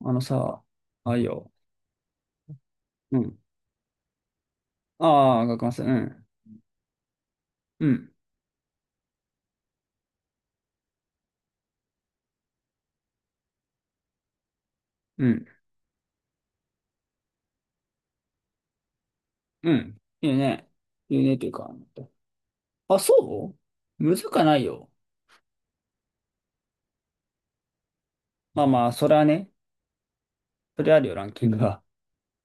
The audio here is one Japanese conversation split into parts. あのさ、あ、いいよ。うん。ああ、学ます。うん。うん。うん。うん。いいね。いいねっていうか。あ、そうむずかないよ。まあまあ、それはね。それあるよ、ランキングが。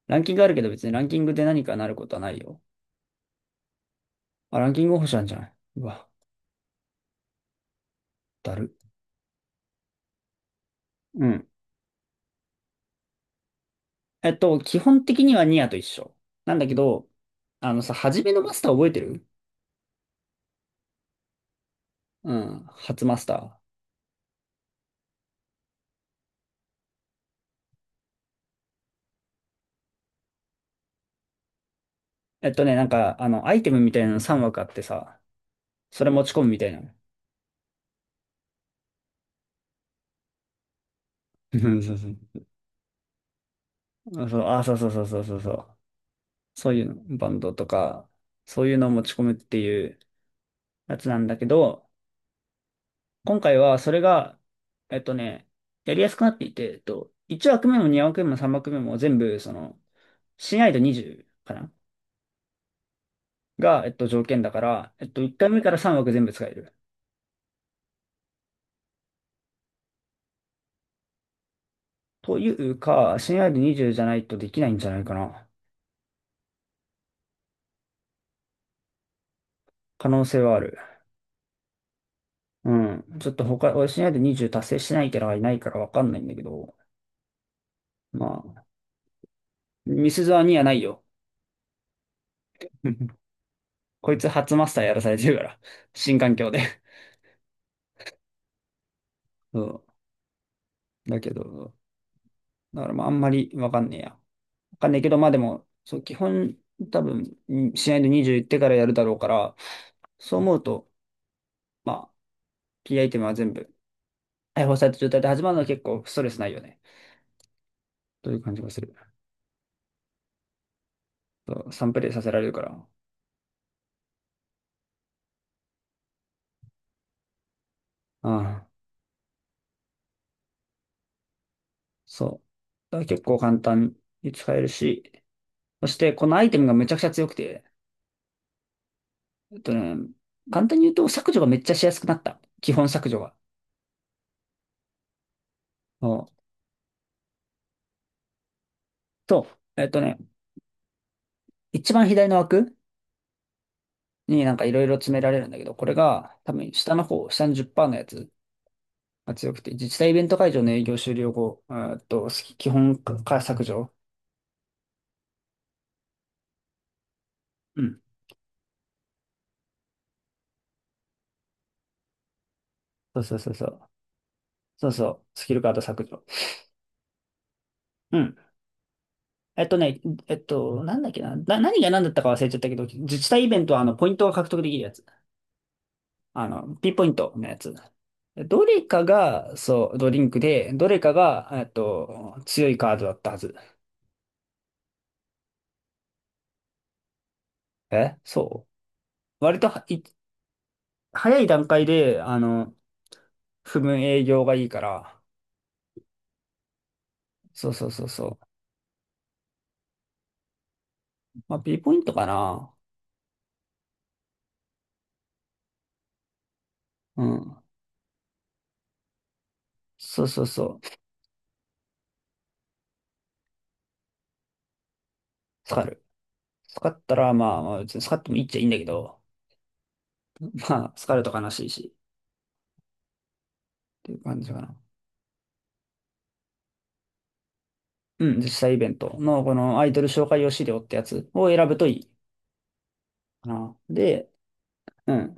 ランキングあるけど別にランキングで何かなることはないよ。あ、ランキング星なんじゃない？うわ、だる。うん。基本的にはニアと一緒。なんだけど、あのさ、初めのマスター覚えてる？うん。初マスター。なんか、あの、アイテムみたいなの3枠あってさ、それ持ち込むみたいな。うんそうそう。あ、そう、あ、そうそうそうそうそうそう。そういうの、バンドとか、そういうのを持ち込むっていうやつなんだけど、今回はそれが、えっとね、やりやすくなっていて、1枠目も2枠目も3枠目も全部、その、親愛度20かなが、条件だから、1回目から3枠全部使える。というか、親愛度20じゅうじゃないとできないんじゃないかな。可能性はある。うん。ちょっと他、俺親愛度20達成してないキャラがいないからわかんないんだけど、まあ、ミスゾアにはないよ。こいつ初マスターやらされてるから。新環境で。そう。だけど、だからまああんまりわかんねえや。わかんねえけど、まあでも、そう、基本、多分、ん試合で20いってからやるだろうから、そう思うと、まあ、キーアイテムは全部、解放された状態で始まるのは結構ストレスないよね。という感じがする。そう、3プレイさせられるから。ああ、そう。だから結構簡単に使えるし、そしてこのアイテムがめちゃくちゃ強くて、えっとね、簡単に言うと削除がめっちゃしやすくなった。基本削除が。うんと、えっとね、一番左の枠になんかいろいろ詰められるんだけど、これが多分下の方、下の10%のやつが強くて、自治体イベント会場の営業終了後、スキ基本から削除。うん。そうそうそうそう。そうそう。スキルカード削除。うん。えっとね、えっと、なんだっけな。何が何だったか忘れちゃったけど、自治体イベントはあの、ポイントが獲得できるやつ。あの、ピンポイントのやつ。どれかが、そう、ドリンクで、どれかが、強いカードだったはず。え、そう割とはい早い段階で、あの、不分営業がいいから、そうそうそうそう。まあ、B ポイントかな。うん。そうそうそう。使る。使ったら、まあ、まあ、別に使ってもいいっちゃいいんだけど、まあ、使ると悲しいし、っていう感じかな。うん、実際イベントの、このアイドル紹介用資料ってやつを選ぶといいかな。で、うん。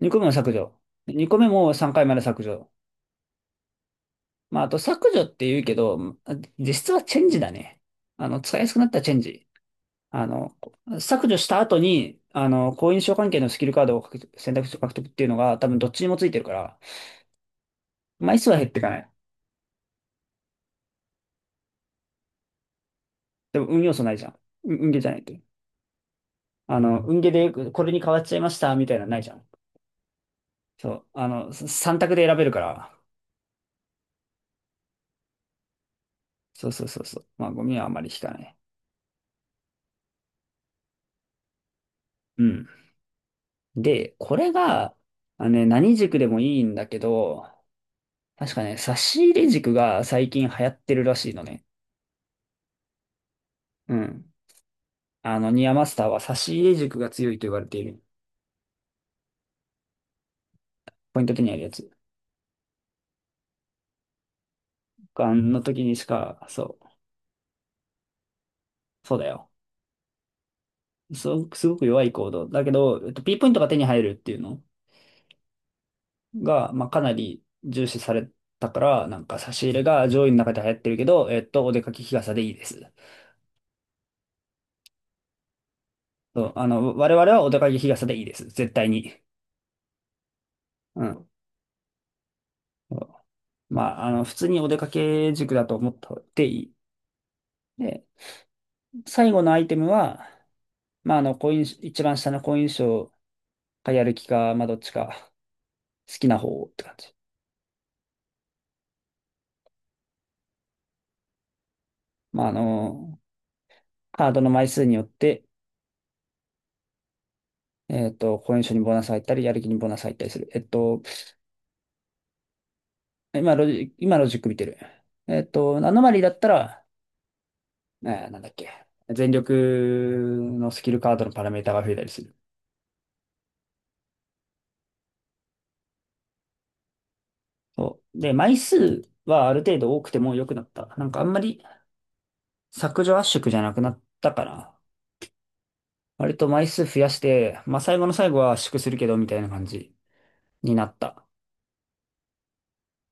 2個目も削除。2個目も3回まで削除。まあ、あと削除って言うけど、実質はチェンジだね。あの、使いやすくなったチェンジ。あの、削除した後に、あの、好印象関係のスキルカードを獲得選択肢を獲得っていうのが多分どっちにもついてるから、枚数は減ってかない。でも運要素ないじゃん。運ゲーじゃないって。あの、運ゲーでこれに変わっちゃいましたみたいなのないじゃん。そう。あの、3択で選べるから。そうそうそうそう。まあ、ゴミはあんまり引かない。うん。で、これが、あのね、何軸でもいいんだけど、確かね、差し入れ軸が最近流行ってるらしいのね。うん。あの、ニアマスターは差し入れ軸が強いと言われている。ポイント手にあるやつ。あの時にしか、そう、そうだよ。そう、すごく弱い行動。だけど、P ポイントが手に入るっていうのが、まあ、かなり重視されたから、なんか差し入れが上位の中で流行ってるけど、お出かけ日傘でいいです。そう、あの、我々はお出かけ日傘でいいです。絶対に。うん。まあ、あの、普通にお出かけ塾だと思っていい。で、最後のアイテムは、まあ、あの、好印象、一番下の好印象かやる気か、まあ、どっちか好きな方をって感じ。まあ、あの、カードの枚数によって、好印象にボーナス入ったり、やる気にボーナス入ったりする。えっと、今ロジ、今の塾見てる。アノマリーだったら、なんだっけ。全力のスキルカードのパラメータが増えたりする。そう。で、枚数はある程度多くても良くなった。なんかあんまり、削除圧縮じゃなくなったかな。割と枚数増やして、まあ最後の最後は圧縮するけどみたいな感じになった。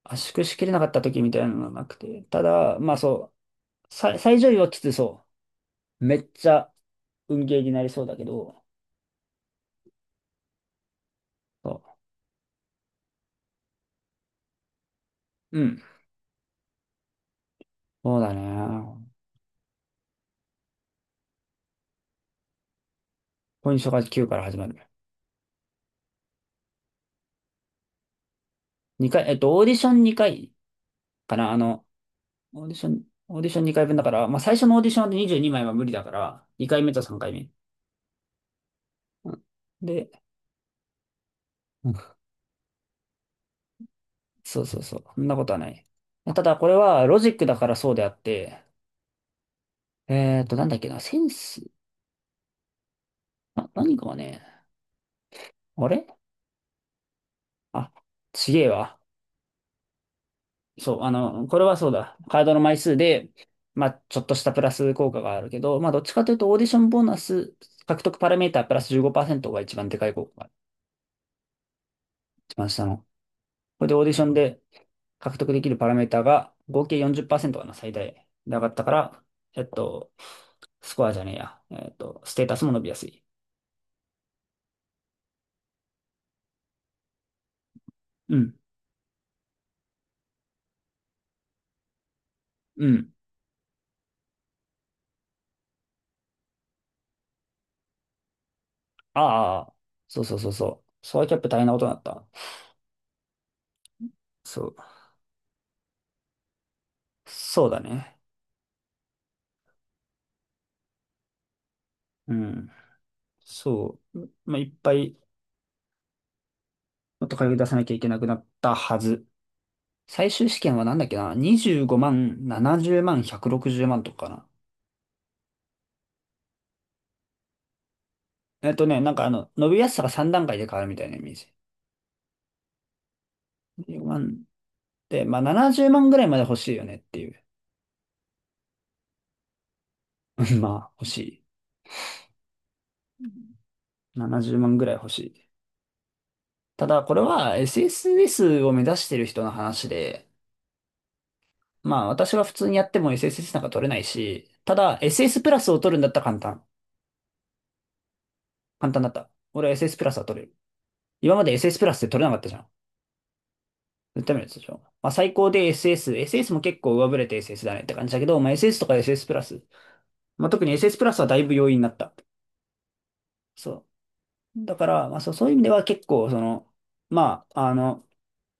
圧縮しきれなかった時みたいなのがなくて。ただ、まあそう、最上位はきつそう。めっちゃ運ゲーになりそうだけど、そう。うん。そうだね。ポイントが9から始まる。2回、オーディション2回かな。あの、オーディション、オーディション2回分だから、まあ最初のオーディションで22枚は無理だから、2回目と3回目。うんで、そうそうそう。そんなことはない。ただ、これはロジックだからそうであって、なんだっけな、センス、あ何かはね、あれあ、ちげえわ。そう、あの、これはそうだ。カードの枚数で、まあ、ちょっとしたプラス効果があるけど、まあ、どっちかというと、オーディションボーナス獲得パラメータープラス15%が一番でかい効果が一番下の。これでオーディションで獲得できるパラメーターが合計40%かな、最大で上がったから、えっと、スコアじゃねえや。ステータスも伸びやすい。うん。うん。ああ、そうそうそうそう。ソワキャップ大変なことになった。そう。そうだね。うん。そう。まあ、いっぱい、もっと金出さなきゃいけなくなったはず。最終試験はなんだっけな？ 25 万、70万、160万とかかな。なんかあの、伸びやすさが3段階で変わるみたいなイメージ。2で、まあ、70万ぐらいまで欲しいよねっていう。まあ、欲しい。70万ぐらい欲しい。ただ、これは SSS を目指してる人の話で、まあ私は普通にやっても SSS なんか取れないし、ただ SS プラスを取るんだったら簡単。簡単だった。俺は SS プラスは取れる。今まで SS プラスって取れなかったじゃん。絶対無理だったでしょ。まあ最高で SS。SS も結構上振れて SS だねって感じだけど、まあ SS とか SS プラス。まあ特に SS プラスはだいぶ容易になった。そう。だから、まあそう、そういう意味では結構、その、まあ、あの、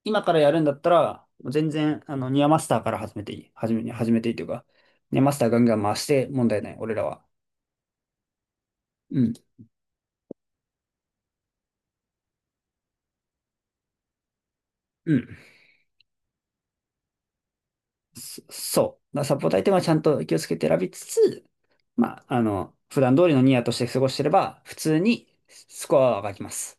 今からやるんだったら、全然、あの、ニアマスターから始めていい。始めていいというか、ニアマスターガンガン回して問題ない。俺らは。うん。うん。そう。サポートアイテムはちゃんと気をつけて選びつつ、まあ、あの、普段通りのニアとして過ごしてれば、普通にスコアは上がります。